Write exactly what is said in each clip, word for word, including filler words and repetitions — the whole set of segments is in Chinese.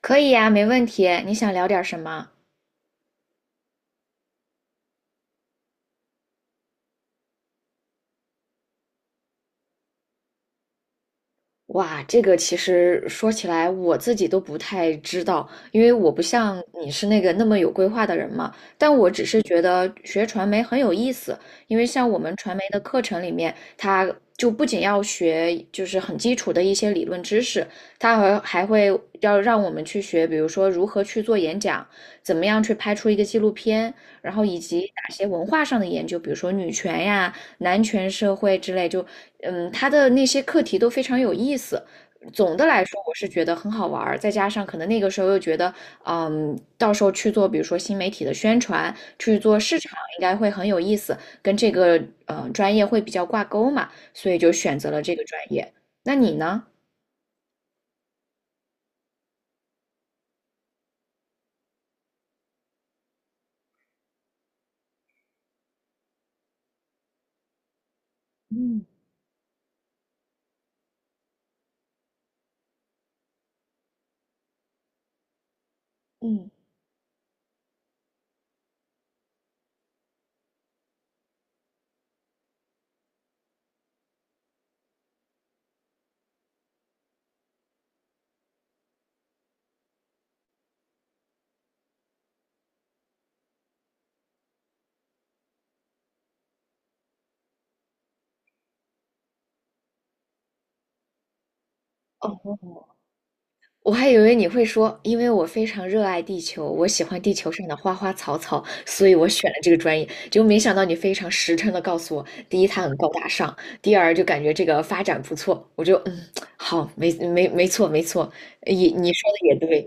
可以呀，没问题。你想聊点什么？哇，这个其实说起来我自己都不太知道，因为我不像你是那个那么有规划的人嘛。但我只是觉得学传媒很有意思，因为像我们传媒的课程里面，它就不仅要学就是很基础的一些理论知识，它还还会要让我们去学，比如说如何去做演讲，怎么样去拍出一个纪录片，然后以及哪些文化上的研究，比如说女权呀。男权社会之类，就嗯，他的那些课题都非常有意思。总的来说，我是觉得很好玩儿，再加上可能那个时候又觉得，嗯，到时候去做，比如说新媒体的宣传，去做市场，应该会很有意思，跟这个呃专业会比较挂钩嘛，所以就选择了这个专业。那你呢？嗯。嗯，哦，我还以为你会说，因为我非常热爱地球，我喜欢地球上的花花草草，所以我选了这个专业。就没想到你非常实诚的告诉我，第一，它很高大上；第二，就感觉这个发展不错。我就嗯，好，没没没错没错，也你说的也对，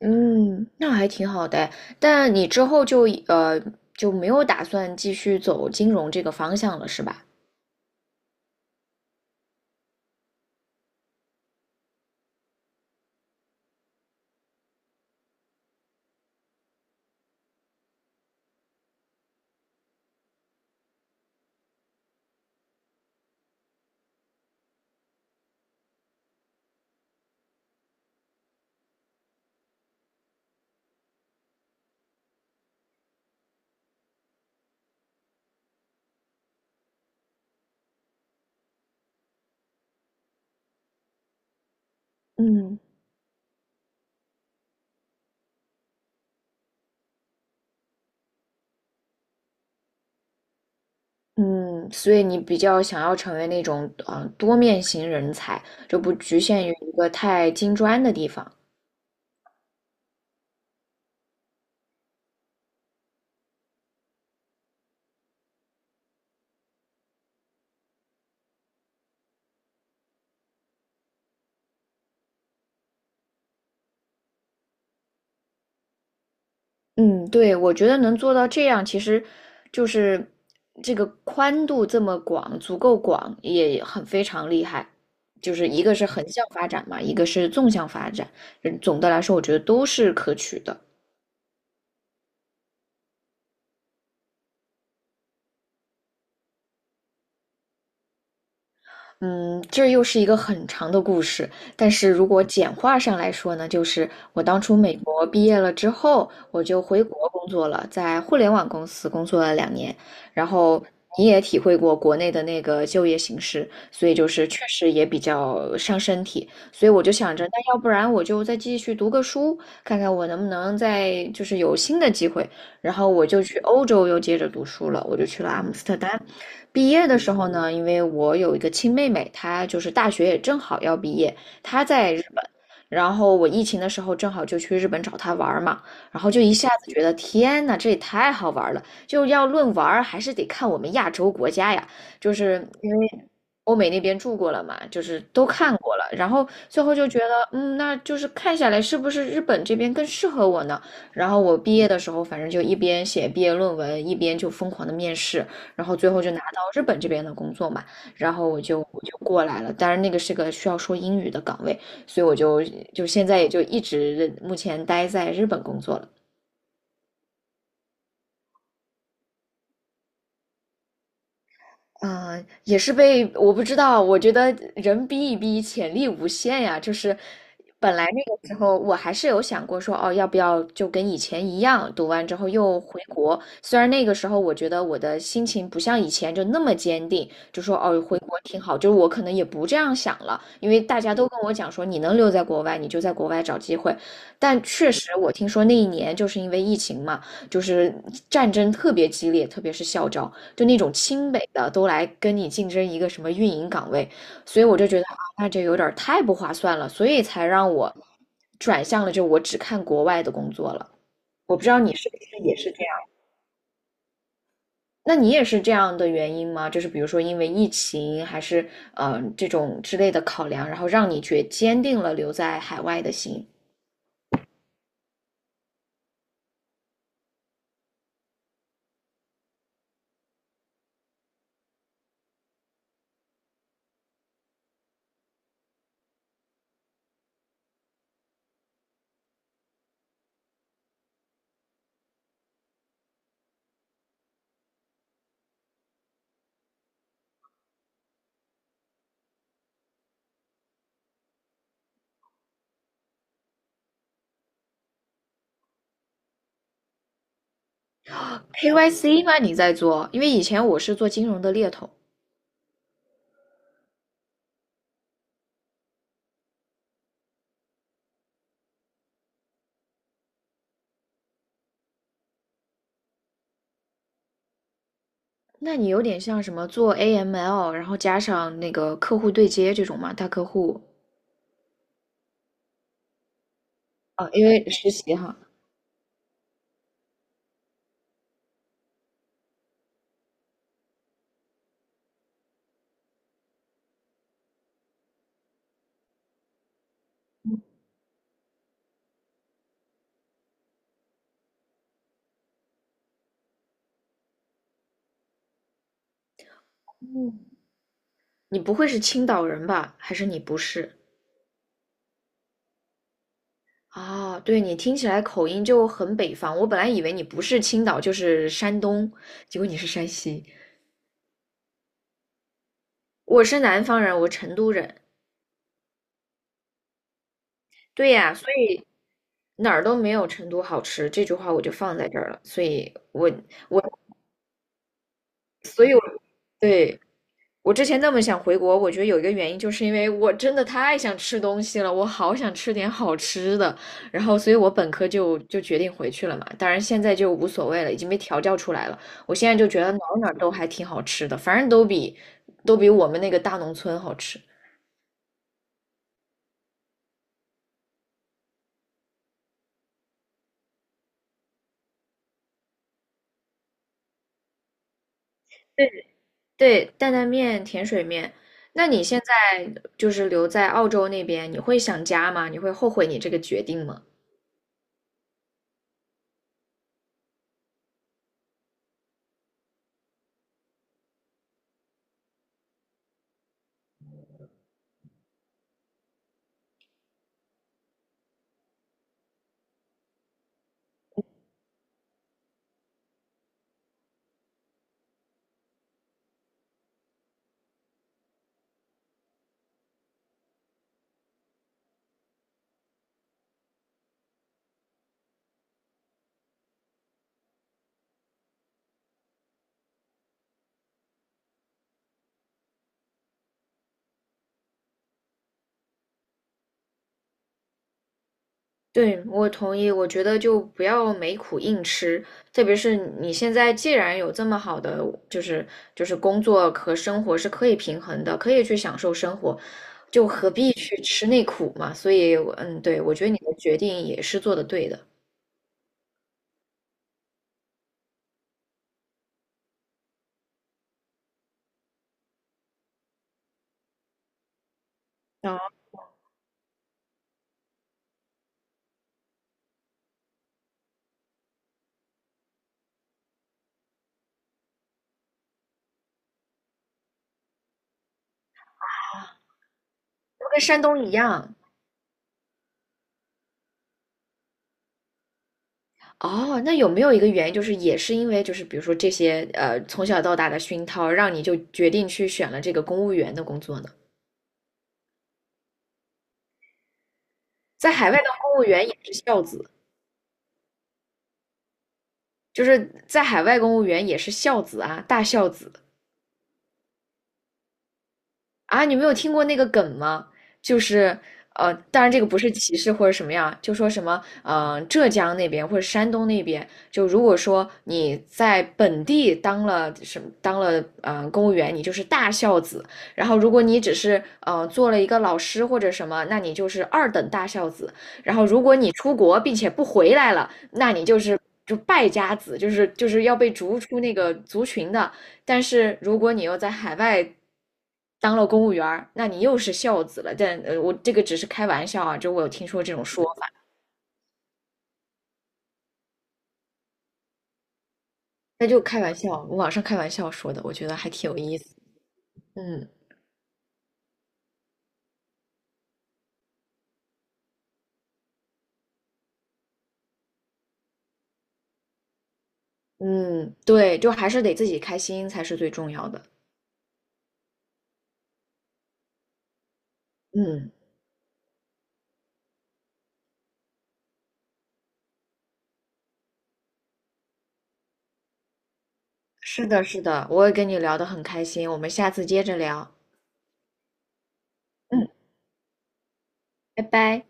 嗯，那还挺好的。但你之后就呃就没有打算继续走金融这个方向了，是吧？嗯。嗯，所以你比较想要成为那种呃多面型人才，就不局限于一个太金砖的地方。嗯，对，我觉得能做到这样，其实就是这个宽度这么广，足够广，也很非常厉害。就是一个是横向发展嘛，一个是纵向发展，嗯总的来说，我觉得都是可取的。嗯，这又是一个很长的故事，但是如果简化上来说呢，就是我当初美国毕业了之后，我就回国工作了，在互联网公司工作了两年，然后你也体会过国内的那个就业形势，所以就是确实也比较伤身体，所以我就想着，那要不然我就再继续读个书，看看我能不能再就是有新的机会，然后我就去欧洲又接着读书了，我就去了阿姆斯特丹。毕业的时候呢，因为我有一个亲妹妹，她就是大学也正好要毕业，她在日本，然后我疫情的时候正好就去日本找她玩儿嘛，然后就一下子觉得天呐，这也太好玩了！就要论玩儿还是得看我们亚洲国家呀，就是因为欧美那边住过了嘛，就是都看过了，然后最后就觉得，嗯，那就是看下来是不是日本这边更适合我呢？然后我毕业的时候，反正就一边写毕业论文，一边就疯狂的面试。然后最后就拿到日本这边的工作嘛，然后我就我就过来了。当然那个是个需要说英语的岗位，所以我就就现在也就一直目前待在日本工作了。嗯，呃也是被我不知道，我觉得人逼一逼，潜力无限呀。就是本来那个时候，我还是有想过说，哦，要不要就跟以前一样，读完之后又回国。虽然那个时候我觉得我的心情不像以前就那么坚定，就说哦，回国挺好。就是我可能也不这样想了，因为大家都跟我讲说，你能留在国外，你就在国外找机会。但确实，我听说那一年就是因为疫情嘛，就是战争特别激烈，特别是校招。就那种清北的都来跟你竞争一个什么运营岗位，所以我就觉得啊，那就有点儿太不划算了，所以才让我转向了，就我只看国外的工作了。我不知道你是不是也是这样，那你也是这样的原因吗？就是比如说因为疫情，还是嗯这种之类的考量，然后让你决坚定了留在海外的心。K Y C 吗？你在做？因为以前我是做金融的猎头。那你有点像什么做 A M L,然后加上那个客户对接这种嘛，大客户啊，因为实习哈。嗯，你不会是青岛人吧？还是你不是？啊，对，你听起来口音就很北方。我本来以为你不是青岛就是山东，结果你是山西。我是南方人，我成都人。对呀，所以哪儿都没有成都好吃，这句话我就放在这儿了。所以我，对，我之前那么想回国，我觉得有一个原因，就是因为我真的太想吃东西了，我好想吃点好吃的，然后所以我本科就就决定回去了嘛。当然现在就无所谓了，已经被调教出来了。我现在就觉得哪儿哪儿都还挺好吃的，反正都比都比我们那个大农村好吃。对对，担担面、甜水面。那你现在就是留在澳洲那边，你会想家吗？你会后悔你这个决定吗？对，我同意。我觉得就不要没苦硬吃，特别是你现在既然有这么好的，就是就是工作和生活是可以平衡的，可以去享受生活，就何必去吃那苦嘛？所以我嗯，对，我觉得你的决定也是做的对的。哦，就跟山东一样。哦，那有没有一个原因，就是也是因为就是比如说这些呃从小到大的熏陶，让你就决定去选了这个公务员的工作呢？在海外当公务员也是孝子。就是在海外公务员也是孝子啊，大孝子。啊，你没有听过那个梗吗？就是呃，当然这个不是歧视或者什么样，就说什么呃，浙江那边或者山东那边，就如果说你在本地当了什么当了呃公务员，你就是大孝子；然后如果你只是呃做了一个老师或者什么，那你就是二等大孝子；然后如果你出国并且不回来了，那你就是。就败家子，就是就是要被逐出那个族群的。但是如果你又在海外当了公务员儿，那你又是孝子了。但呃，我这个只是开玩笑啊，就我有听说这种说法，那就开玩笑，网上开玩笑说的，我觉得还挺有意思。嗯嗯，对，就还是得自己开心才是最重要的。嗯，是的，是的，我也跟你聊得很开心，我们下次接着聊。嗯，拜拜。